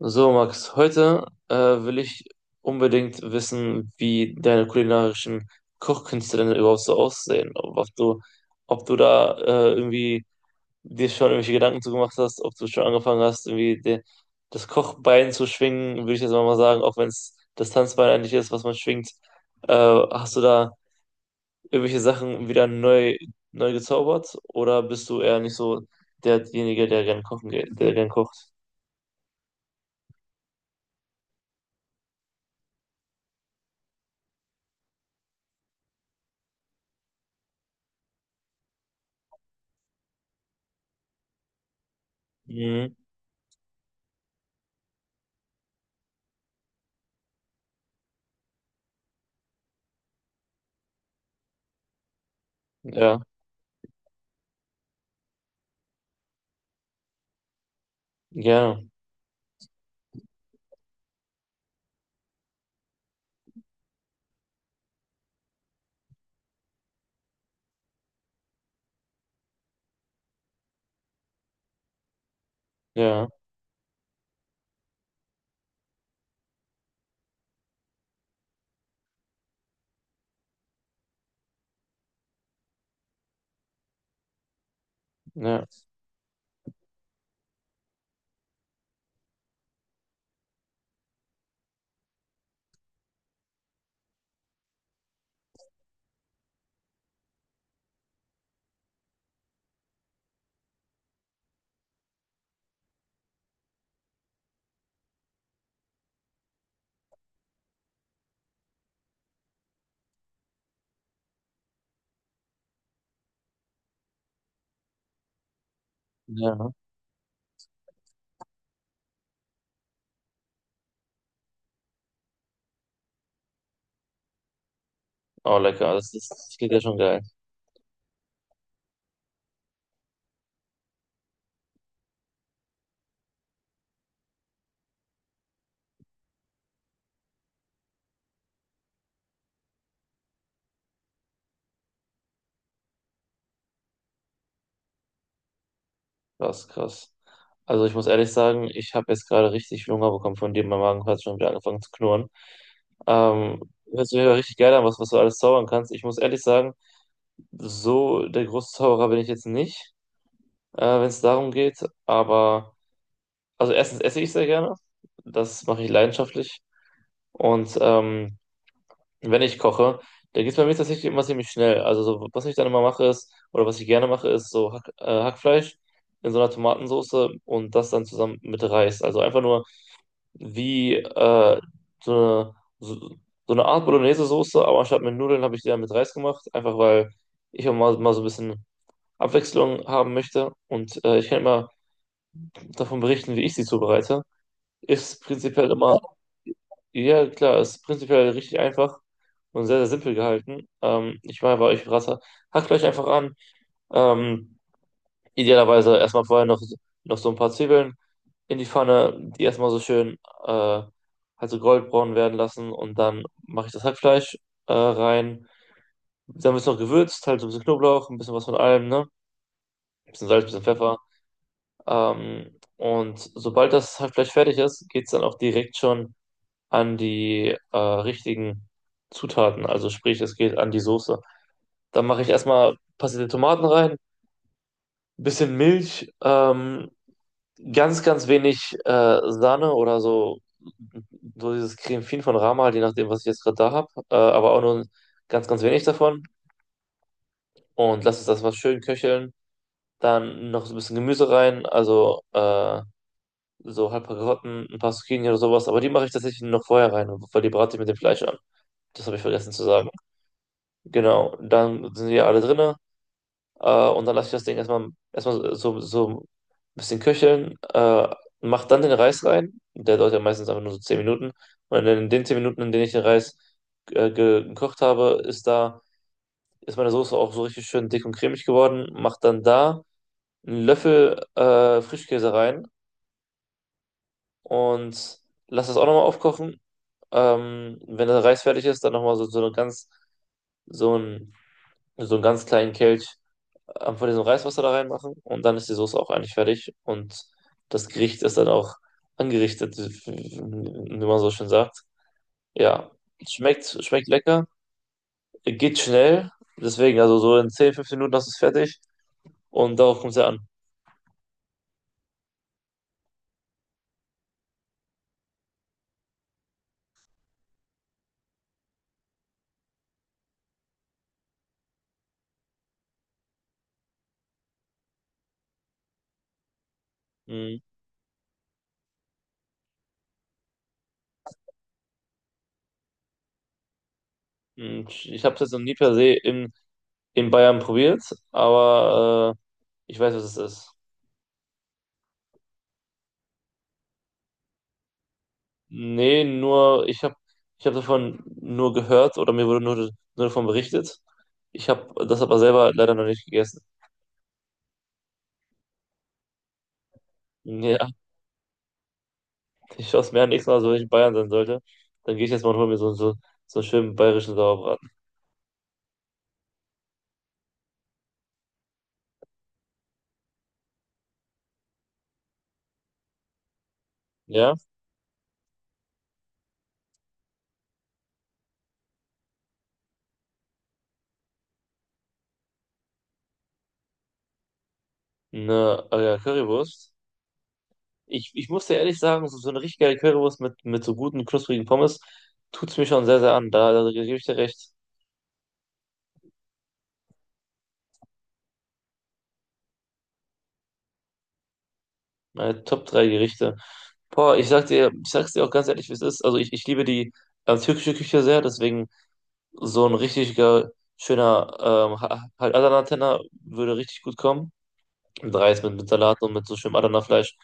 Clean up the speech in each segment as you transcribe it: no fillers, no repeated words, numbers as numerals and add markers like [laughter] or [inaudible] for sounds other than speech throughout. So, Max, heute will ich unbedingt wissen, wie deine kulinarischen Kochkünste denn überhaupt so aussehen. Ob du da irgendwie dir schon irgendwelche Gedanken zu gemacht hast, ob du schon angefangen hast, irgendwie das Kochbein zu schwingen, würde ich jetzt mal sagen, auch wenn es das Tanzbein eigentlich ist, was man schwingt. Hast du da irgendwelche Sachen wieder neu gezaubert oder bist du eher nicht so derjenige, der gern kochen geht, der gern kocht? Mhm. Ja, gerne, ja. Ja, ja. Oh, lecker. Das klingt ja schon geil. Krass, krass. Also ich muss ehrlich sagen, ich habe jetzt gerade richtig Hunger bekommen von dir. Mein Magen hat schon wieder angefangen zu knurren. Ähm, Hört sich ja richtig geil an, was du alles zaubern kannst. Ich muss ehrlich sagen, so der große Zauberer bin ich jetzt nicht, wenn es darum geht. Aber, also erstens esse ich sehr gerne. Das mache ich leidenschaftlich. Und wenn ich koche, da geht es bei mir tatsächlich immer ziemlich schnell. Also so, was ich dann immer mache ist, oder was ich gerne mache, ist so Hackfleisch in so einer Tomatensoße und das dann zusammen mit Reis. Also einfach nur wie so eine, so, so eine Art Bolognese-Soße, aber anstatt mit Nudeln habe ich die dann mit Reis gemacht, einfach weil ich auch mal so ein bisschen Abwechslung haben möchte und ich kann immer davon berichten, wie ich sie zubereite. Ist prinzipiell immer ja, klar, es ist prinzipiell richtig einfach und sehr, sehr simpel gehalten. Ich meine, bei euch Rasse, hackt euch einfach an. Ähm, idealerweise erstmal noch so ein paar Zwiebeln in die Pfanne, die erstmal so schön äh, halt so goldbraun werden lassen und dann mache ich das Hackfleisch rein. Dann wird es noch gewürzt, halt so ein bisschen Knoblauch, ein bisschen was von allem, ne? Ein bisschen Salz, ein bisschen Pfeffer. Und sobald das Hackfleisch fertig ist, geht es dann auch direkt schon an die richtigen Zutaten. Also sprich, es geht an die Soße. Dann mache ich erstmal passierte Tomaten rein, bisschen Milch, ganz, ganz wenig Sahne oder so, so dieses Creme Fin von Rama, halt, je nachdem, was ich jetzt gerade da habe, aber auch nur ganz, ganz wenig davon. Und lasse das was schön köcheln. Dann noch so ein bisschen Gemüse rein, also so halb paar Karotten, ein paar Zucchini oder sowas. Aber die mache ich tatsächlich noch vorher rein, weil die brate ich mit dem Fleisch an. Das habe ich vergessen zu sagen. Genau, dann sind die alle drinne und dann lasse ich das Ding erstmal so ein bisschen köcheln, mach dann den Reis rein, der dauert ja meistens einfach nur so 10 Minuten und in den 10 Minuten, in denen ich den Reis ge gekocht habe, ist meine Soße auch so richtig schön dick und cremig geworden, mach dann da einen Löffel Frischkäse rein und lass das auch nochmal aufkochen. Wenn der Reis fertig ist, dann nochmal so ein so einen ganz kleinen Kelch von diesem Reiswasser da reinmachen und dann ist die Soße auch eigentlich fertig und das Gericht ist dann auch angerichtet, wie wie man so schön sagt. Ja, schmeckt lecker, geht schnell, deswegen, also so in 10 15 Minuten hast du es fertig und darauf kommt es ja an. Mhm. Und ich habe es jetzt noch nie per se in Bayern probiert, aber ich weiß, was es ist. Nee, nur, ich hab davon nur gehört oder mir wurde nur davon berichtet. Ich habe das aber selber leider noch nicht gegessen. Ja, ich schaue es mir an, nächstes Mal, so wenn ich in Bayern sein sollte, dann gehe ich jetzt mal und hole mir so einen schönen bayerischen Sauerbraten. Ja, eine Currywurst. Ich muss dir ehrlich sagen, so eine richtig geile Currywurst mit so guten, knusprigen Pommes tut's mir schon sehr, sehr an. Da gebe ich dir recht. Meine Top 3 Gerichte. Boah, ich sag dir, ich sag's dir auch ganz ehrlich, wie es ist. Also ich liebe die türkische Küche sehr, deswegen so ein schöner halt Adana-Tenner würde richtig gut kommen. Mit Reis, mit Salat und mit so schönem Adana-Fleisch.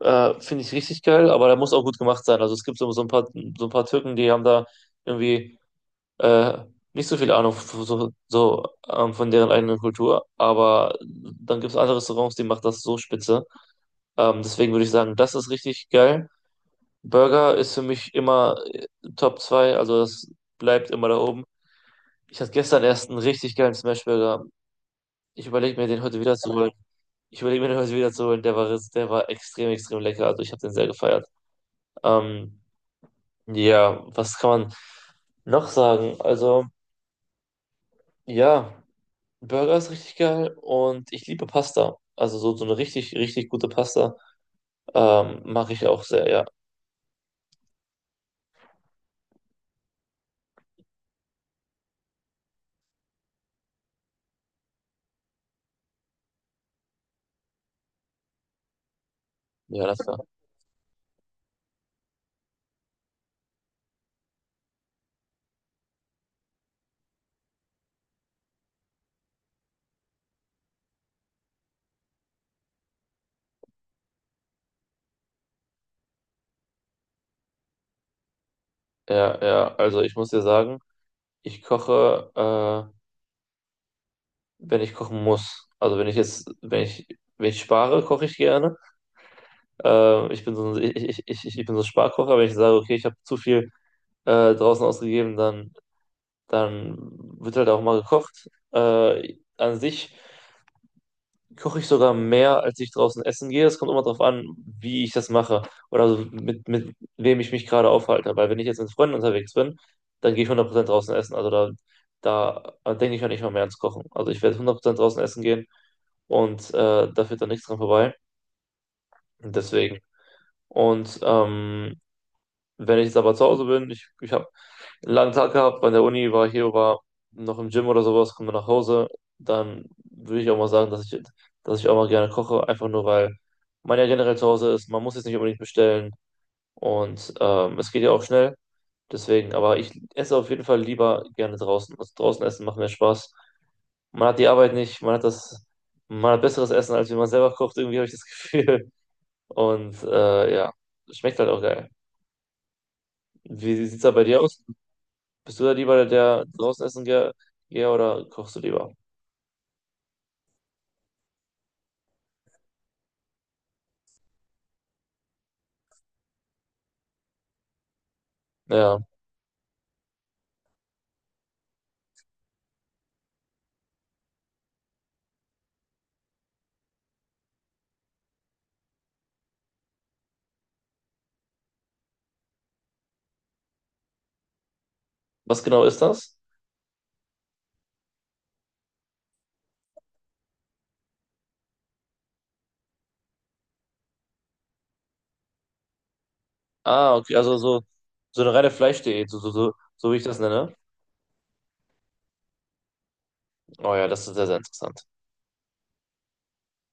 Finde ich richtig geil, aber der muss auch gut gemacht sein. Also es gibt so ein paar Türken, die haben da irgendwie äh, nicht so viel Ahnung von deren eigenen Kultur, aber dann gibt es andere Restaurants, die machen das so spitze. Deswegen würde ich sagen, das ist richtig geil. Burger ist für mich immer Top 2, also das bleibt immer da oben. Ich hatte gestern erst einen richtig geilen Smashburger. Ich überlege mir, den heute wieder zu holen. Ich überlege mir, den heute wieder zu holen. Der war extrem, extrem lecker. Also ich habe den sehr gefeiert. Ähm, Ja, was kann man noch sagen? Also, ja, Burger ist richtig geil und ich liebe Pasta. Also so eine richtig, richtig gute Pasta mache ich auch sehr, ja. Ja, das war. Ja, ja, also ich muss dir sagen, ich koche, wenn ich kochen muss. Also wenn ich spare, koche ich gerne. Ich bin so ein, ich, ich, ich, ich ich bin so ein Sparkocher, wenn ich sage, okay, ich habe zu viel draußen ausgegeben, dann wird halt auch mal gekocht. An sich koche ich sogar mehr, als ich draußen essen gehe. Es kommt immer darauf an, wie ich das mache oder so mit wem ich mich gerade aufhalte. Weil wenn ich jetzt mit Freunden unterwegs bin, dann gehe ich 100% draußen essen. Also da denke ich mir nicht mal mehr ans Kochen. Also ich werde 100% draußen essen gehen und da führt dann nichts dran vorbei. Und deswegen. Und wenn ich jetzt aber zu Hause bin, ich habe einen langen Tag gehabt, bei der Uni war noch im Gym oder sowas, komme nach Hause, dann würde ich auch mal sagen, dass ich auch mal gerne koche, einfach nur weil man ja generell zu Hause ist, man muss jetzt nicht unbedingt bestellen und es geht ja auch schnell, deswegen, aber ich esse auf jeden Fall lieber gerne draußen. Also draußen essen macht mehr Spaß. Man hat die Arbeit nicht, man hat besseres Essen, als wenn man selber kocht, irgendwie habe ich das [laughs] Gefühl. Und ja, schmeckt halt auch geil. Wie sieht's da bei dir aus? Bist du da lieber der, der draußen essen gehe oder kochst du lieber? Ja. Was genau ist das? Ah, okay, also so eine reine Fleischdiät, so wie ich das nenne. Oh ja, das ist sehr, sehr interessant.